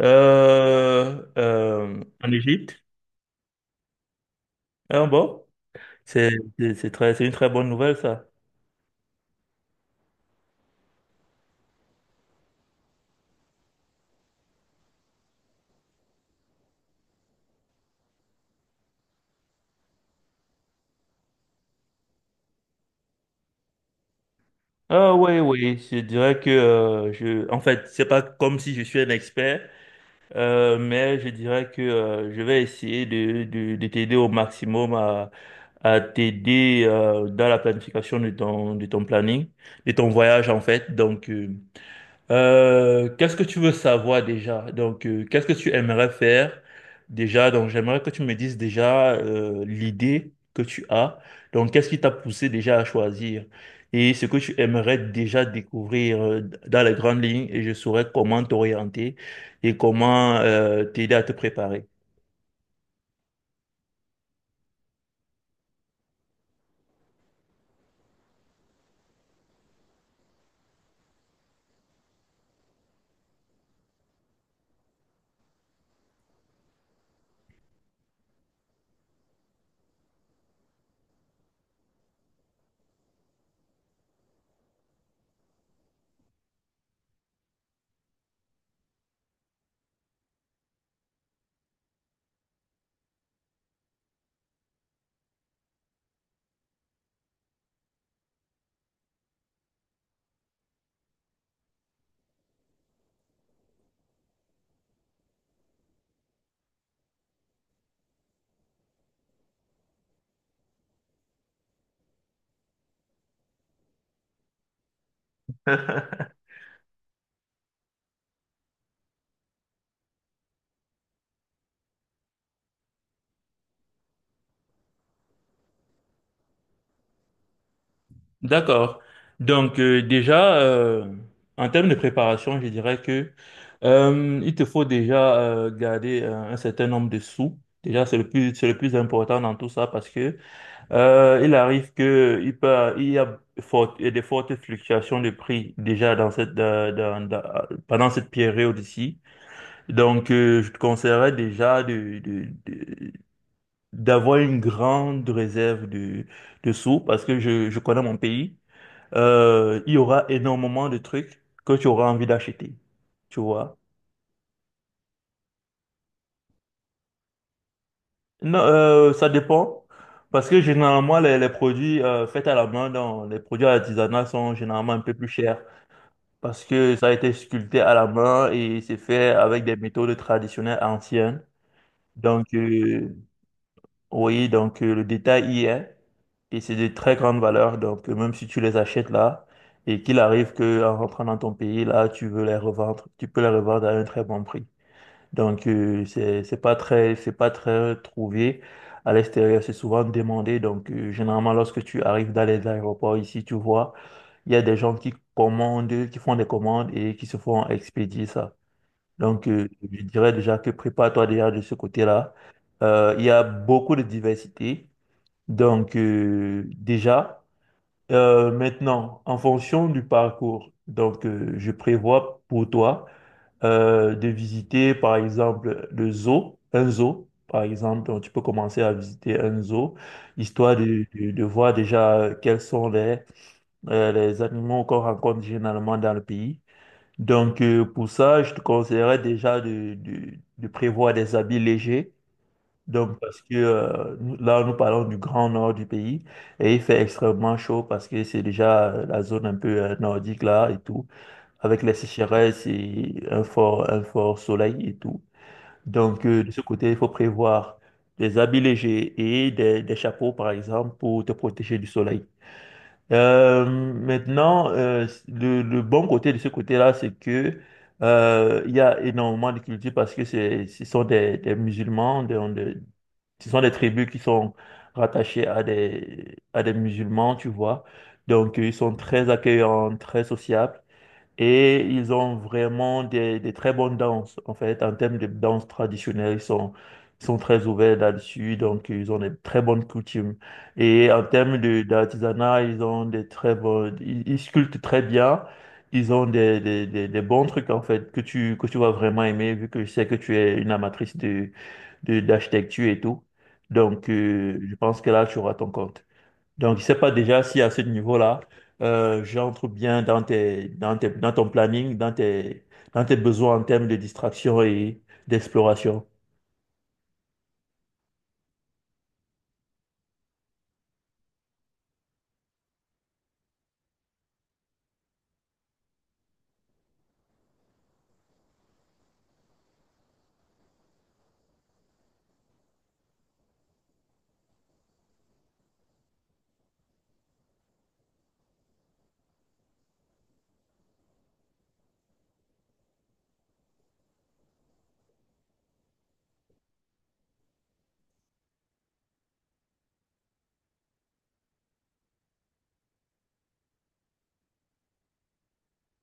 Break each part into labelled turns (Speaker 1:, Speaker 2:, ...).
Speaker 1: En Égypte. Ah bon, c'est c'est très, c'est une très bonne nouvelle ça. Ah oui, oui, je dirais que je, en fait c'est pas comme si je suis un expert, mais je dirais que je vais essayer de t'aider au maximum à t'aider dans la planification de ton planning, de ton voyage en fait. Qu'est-ce que tu veux savoir déjà? Donc, qu'est-ce que tu aimerais faire déjà? Donc, j'aimerais que tu me dises déjà l'idée que tu as. Donc, qu'est-ce qui t'a poussé déjà à choisir? Et ce que tu aimerais déjà découvrir dans les grandes lignes, et je saurais comment t'orienter et comment t'aider à te préparer. D'accord. Donc déjà, en termes de préparation, je dirais que il te faut déjà garder un certain nombre de sous. Déjà, c'est le plus important dans tout ça parce que il arrive que il peut, il y a des fortes fluctuations de prix déjà dans cette, dans- dans- dans- pendant cette période ici. Donc, je te conseillerais déjà d'avoir une grande réserve de sous parce que je connais mon pays il y aura énormément de trucs que tu auras envie d'acheter. Tu vois? Non, ça dépend. Parce que généralement, les produits faits à la main, dans les produits artisanaux sont généralement un peu plus chers. Parce que ça a été sculpté à la main et c'est fait avec des méthodes traditionnelles anciennes. Donc, le détail y est. Et c'est de très grande valeur. Donc, même si tu les achètes là, et qu'il arrive que en rentrant dans ton pays, là, tu veux les revendre, tu peux les revendre à un très bon prix. Donc, c'est pas très trouvé. À l'extérieur, c'est souvent demandé. Donc, généralement, lorsque tu arrives dans les aéroports ici, tu vois, il y a des gens qui commandent, qui font des commandes et qui se font expédier ça. Donc, je dirais déjà que prépare-toi déjà de ce côté-là. Il y a beaucoup de diversité. Donc, maintenant, en fonction du parcours, donc, je prévois pour toi de visiter, par exemple, un zoo, par exemple. Donc, tu peux commencer à visiter un zoo, histoire de voir déjà quels sont les animaux qu'on rencontre généralement dans le pays. Donc, pour ça, je te conseillerais déjà de prévoir des habits légers. Donc, parce que là, nous parlons du grand nord du pays et il fait extrêmement chaud parce que c'est déjà la zone un peu nordique là et tout avec les sécheresses et un fort soleil et tout. Donc, de ce côté, il faut prévoir des habits légers et des chapeaux, par exemple, pour te protéger du soleil. Le bon côté de ce côté-là, c'est que il y a énormément de cultures parce que c'est, ce sont des musulmans, ce sont des tribus qui sont rattachées à des musulmans, tu vois. Donc, ils sont très accueillants, très sociables. Et ils ont vraiment des très bonnes danses. En fait, en termes de danse traditionnelle, ils sont très ouverts là-dessus. Donc, ils ont des très bonnes coutumes. Et en termes d'artisanat, ils sculptent très bien. Ils ont des bons trucs, en fait, que tu vas vraiment aimer, vu que je sais que tu es une amatrice d'architecture et tout. Donc, je pense que là, tu auras ton compte. Donc, je sais pas déjà si à ce niveau-là, j'entre bien dans ton planning, dans tes besoins en termes de distraction et d'exploration.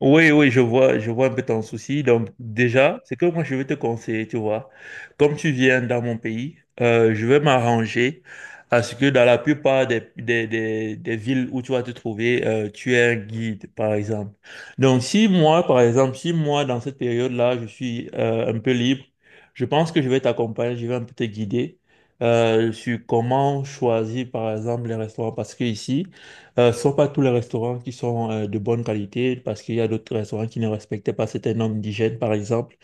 Speaker 1: Oui, oui, je vois un peu ton souci. Donc, déjà, c'est que moi, je vais te conseiller, tu vois. Comme tu viens dans mon pays, je vais m'arranger à ce que dans la plupart des villes où tu vas te trouver, tu aies un guide, par exemple. Donc, si moi, dans cette période-là, je suis un peu libre, je pense que je vais t'accompagner, je vais un peu te guider sur comment choisir, par exemple, les restaurants. Parce que ici, ce ne sont pas tous les restaurants qui sont de bonne qualité parce qu'il y a d'autres restaurants qui ne respectaient pas certaines normes d'hygiène, par exemple.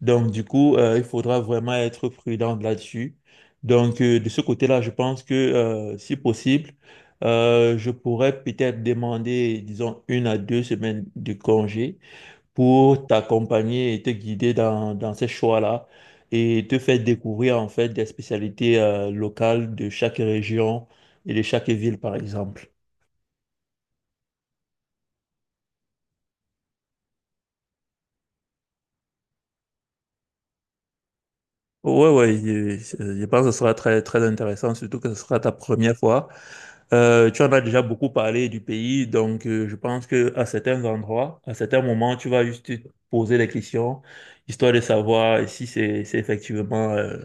Speaker 1: Donc, du coup, il faudra vraiment être prudent là-dessus. Donc, de ce côté-là, je pense que, si possible, je pourrais peut-être demander, disons, une à deux semaines de congé pour t'accompagner et te guider dans, dans ces choix-là et te faire découvrir, en fait, des spécialités locales de chaque région et de chaque ville, par exemple. Ouais, ouais, je pense que ce sera très, très intéressant, surtout que ce sera ta première fois. Tu en as déjà beaucoup parlé du pays, donc je pense que à certains endroits, à certains moments, tu vas juste te poser des questions, histoire de savoir si c'est effectivement euh,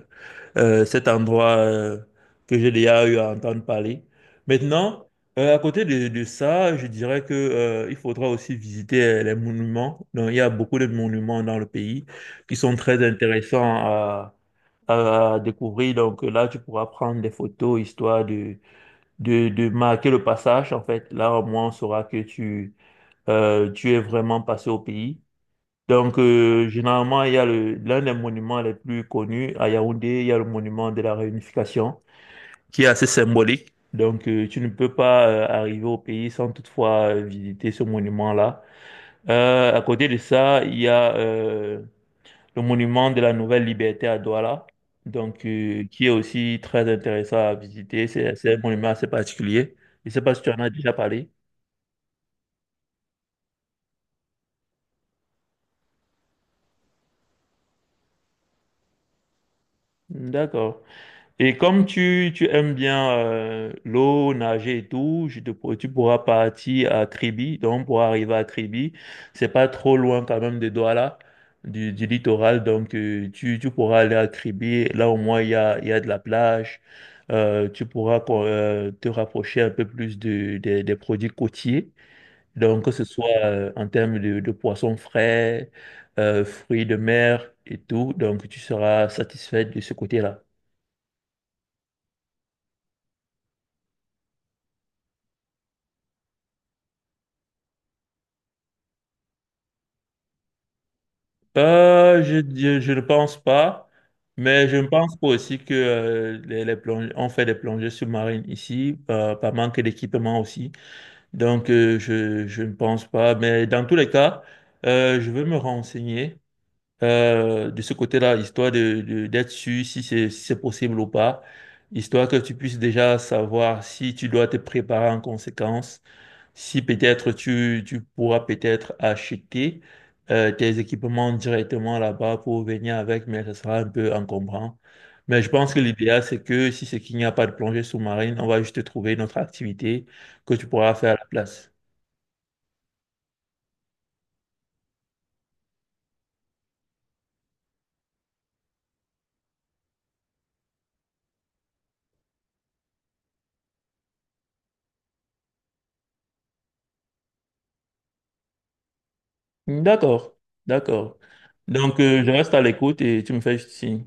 Speaker 1: euh, cet endroit que j'ai déjà eu à entendre parler. Maintenant, à côté de ça, je dirais que il faudra aussi visiter les monuments. Donc, il y a beaucoup de monuments dans le pays qui sont très intéressants à découvrir. Donc là, tu pourras prendre des photos histoire de marquer le passage. En fait, là, au moins, on saura que tu es vraiment passé au pays. Donc, généralement, il y a le, l'un des monuments les plus connus à Yaoundé, il y a le monument de la Réunification, qui est assez symbolique. Donc, tu ne peux pas arriver au pays sans toutefois visiter ce monument-là. À côté de ça, il y a le monument de la Nouvelle Liberté à Douala, donc, qui est aussi très intéressant à visiter. C'est un monument assez particulier. Je ne sais pas si tu en as déjà parlé. D'accord. Et tu aimes bien l'eau, nager et tout, tu pourras partir à Kribi. Donc, pour arriver à Kribi, c'est pas trop loin quand même de Douala, du littoral. Donc, tu pourras aller à Kribi. Là, au moins, il y a de la plage. Tu pourras quoi, te rapprocher un peu plus de, des produits côtiers. Donc, que ce soit en termes de poissons frais, fruits de mer et tout. Donc, tu seras satisfait de ce côté-là. Je ne pense pas, mais je ne Ok. pense pas aussi que les on fait des plongées sous-marines ici par manque d'équipement aussi. Donc, je ne pense pas. Mais dans tous les cas, je vais me renseigner de ce côté-là, histoire d'être sûr si c'est si c'est possible ou pas, histoire que tu puisses déjà savoir si tu dois te préparer en conséquence si peut-être tu pourras peut-être acheter tes équipements directement là-bas pour venir avec, mais ça sera un peu encombrant. Mais je pense que l'idéal, c'est que si c'est qu'il n'y a pas de plongée sous-marine, on va juste trouver une autre activité que tu pourras faire à la place. D'accord, d'accord. Donc, je reste à l'écoute et tu me fais juste signe.